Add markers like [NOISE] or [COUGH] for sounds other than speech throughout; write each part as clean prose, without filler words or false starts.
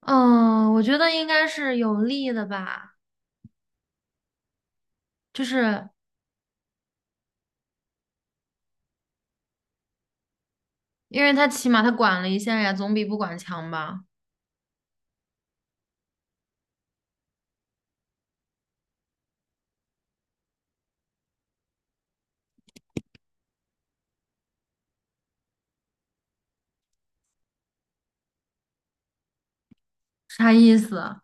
嗯，我觉得应该是有利的吧，就是因为他起码他管了一下呀，总比不管强吧？啥意思啊？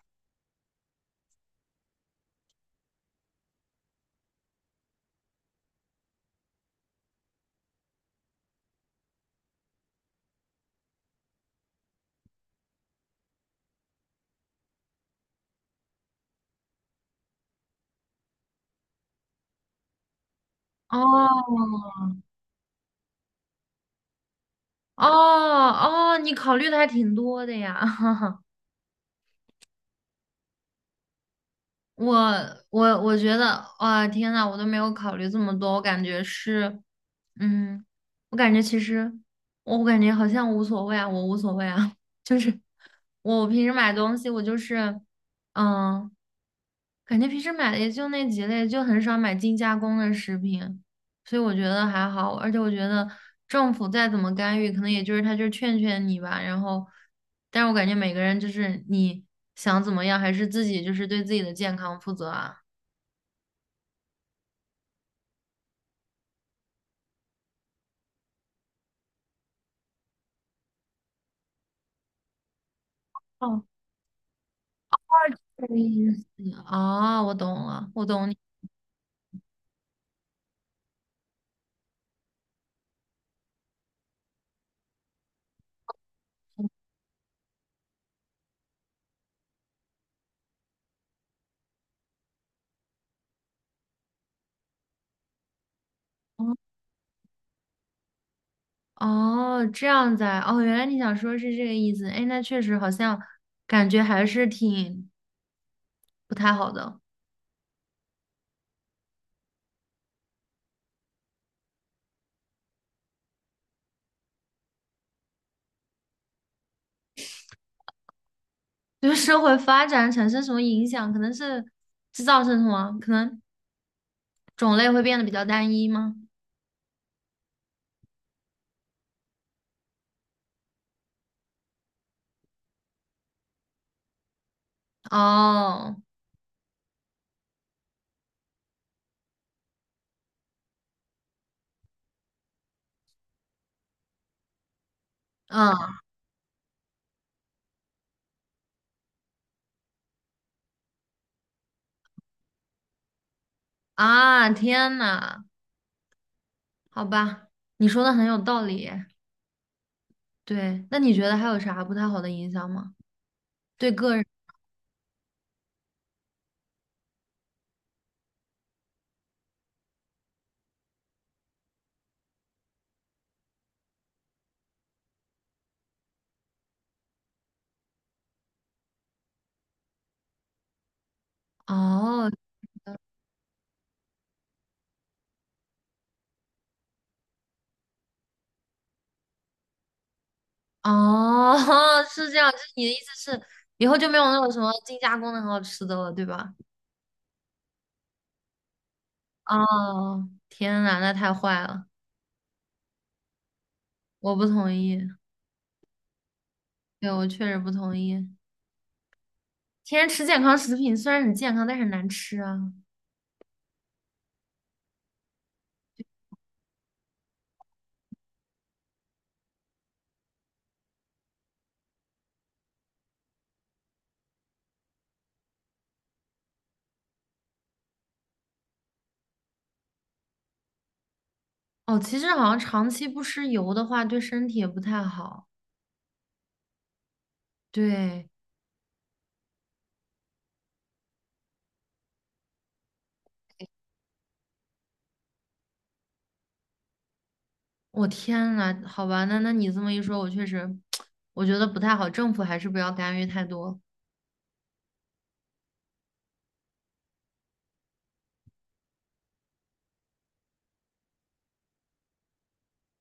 哦哦哦，你考虑的还挺多的呀。[LAUGHS] 我我觉得，哇，天呐，我都没有考虑这么多，我感觉是，嗯，我感觉其实我感觉好像无所谓啊，我无所谓啊，[LAUGHS] 就是我平时买东西，我就是，嗯。感觉平时买的也就那几类，就很少买精加工的食品，所以我觉得还好。而且我觉得政府再怎么干预，可能也就是他就是劝劝你吧。然后，但是我感觉每个人就是你想怎么样，还是自己就是对自己的健康负责啊。哦，这个意思。哦，我懂了，我懂你。哦哦，这样子啊，哦，原来你想说是这个意思。哎，那确实好像感觉还是挺不太好的。对社会发展产生什么影响？可能是制造生什么？可能种类会变得比较单一吗？哦，嗯啊，天呐，好吧，你说的很有道理。对，那你觉得还有啥不太好的影响吗？对个人？哦哦，[LAUGHS] 是这样，就是你的意思是以后就没有那种什么精加工的很好吃的了，对吧？哦，天呐，那太坏了，我不同意。对，我确实不同意。天天吃健康食品虽然很健康，但是很难吃啊。哦，其实好像长期不吃油的话，对身体也不太好。对，我天呐，好吧，那你这么一说，我确实，[TSK] 我觉得不太好。政府还是不要干预太多。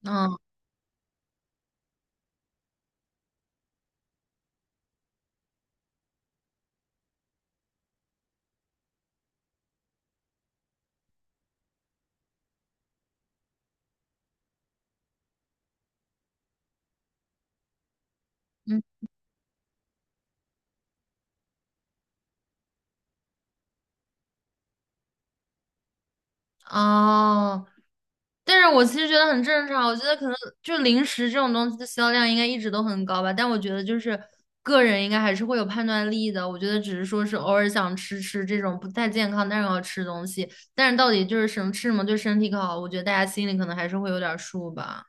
嗯嗯。哦，但是我其实觉得很正常，我觉得可能就零食这种东西的销量应该一直都很高吧，但我觉得就是个人应该还是会有判断力的，我觉得只是说是偶尔想吃吃这种不太健康但是要吃的东西，但是到底就是什么吃什么对身体更好，我觉得大家心里可能还是会有点数吧。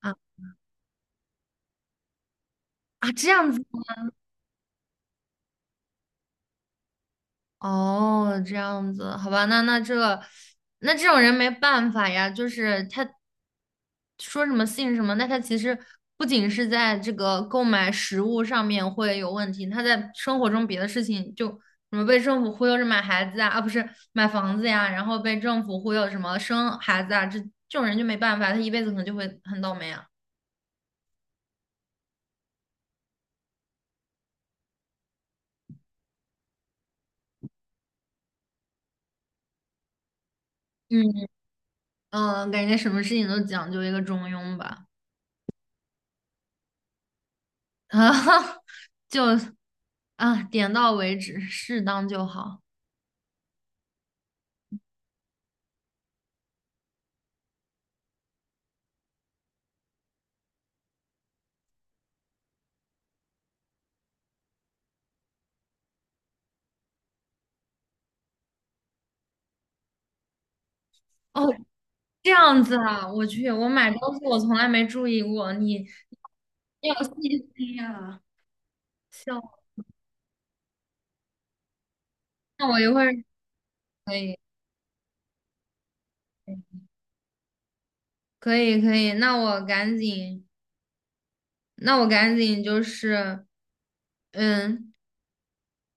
啊啊，这样子。哦，这样子，好吧，那这种人没办法呀，就是他说什么信什么，那他其实不仅是在这个购买食物上面会有问题，他在生活中别的事情就什么被政府忽悠着买孩子啊，啊不是买房子呀，然后被政府忽悠什么生孩子啊，这这种人就没办法，他一辈子可能就会很倒霉啊。嗯嗯，感觉什么事情都讲究一个中庸吧。啊，[LAUGHS] 就啊，点到为止，适当就好。哦，这样子啊，我去，我买东西我从来没注意过，你你有细心啊。笑，那我一会儿可以，可以，可以，那我赶紧，那我赶紧就是，嗯，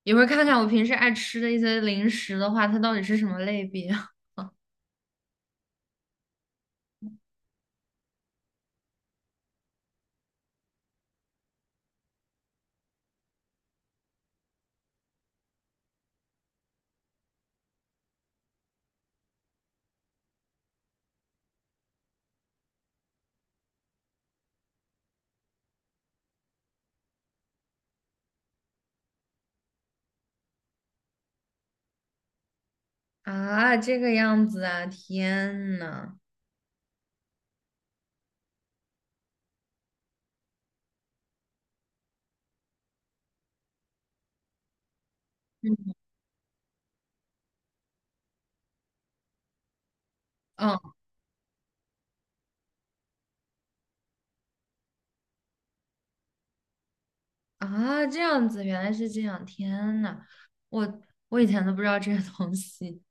一会儿看看我平时爱吃的一些零食的话，它到底是什么类别 [LAUGHS] 啊？这个样子啊，天呐，嗯，哦啊，这样子，原来是这样，天呐，我我以前都不知道这些东西。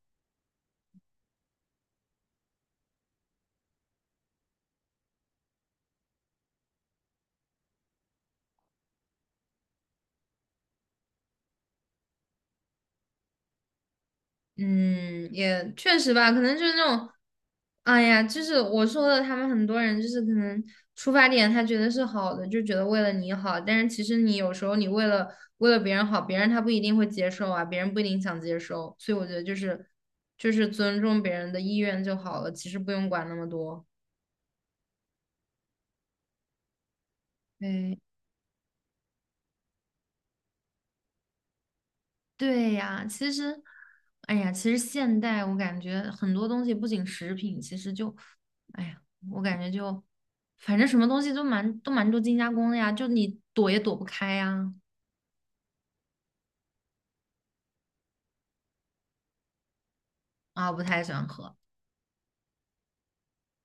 嗯，也确实吧，可能就是那种，哎呀，就是我说的，他们很多人就是可能出发点他觉得是好的，就觉得为了你好，但是其实你有时候你为了别人好，别人他不一定会接受啊，别人不一定想接受，所以我觉得就是尊重别人的意愿就好了，其实不用管那么多。对。对呀，其实，哎呀，其实现代我感觉很多东西，不仅食品，其实就，哎呀，我感觉就，反正什么东西都蛮多精加工的呀，就你躲也躲不开呀。啊，不太喜欢喝。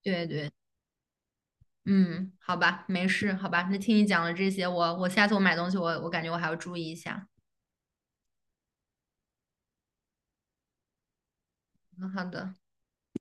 对对，嗯，好吧，没事，好吧，那听你讲了这些，我下次我买东西我感觉我还要注意一下。嗯，好的。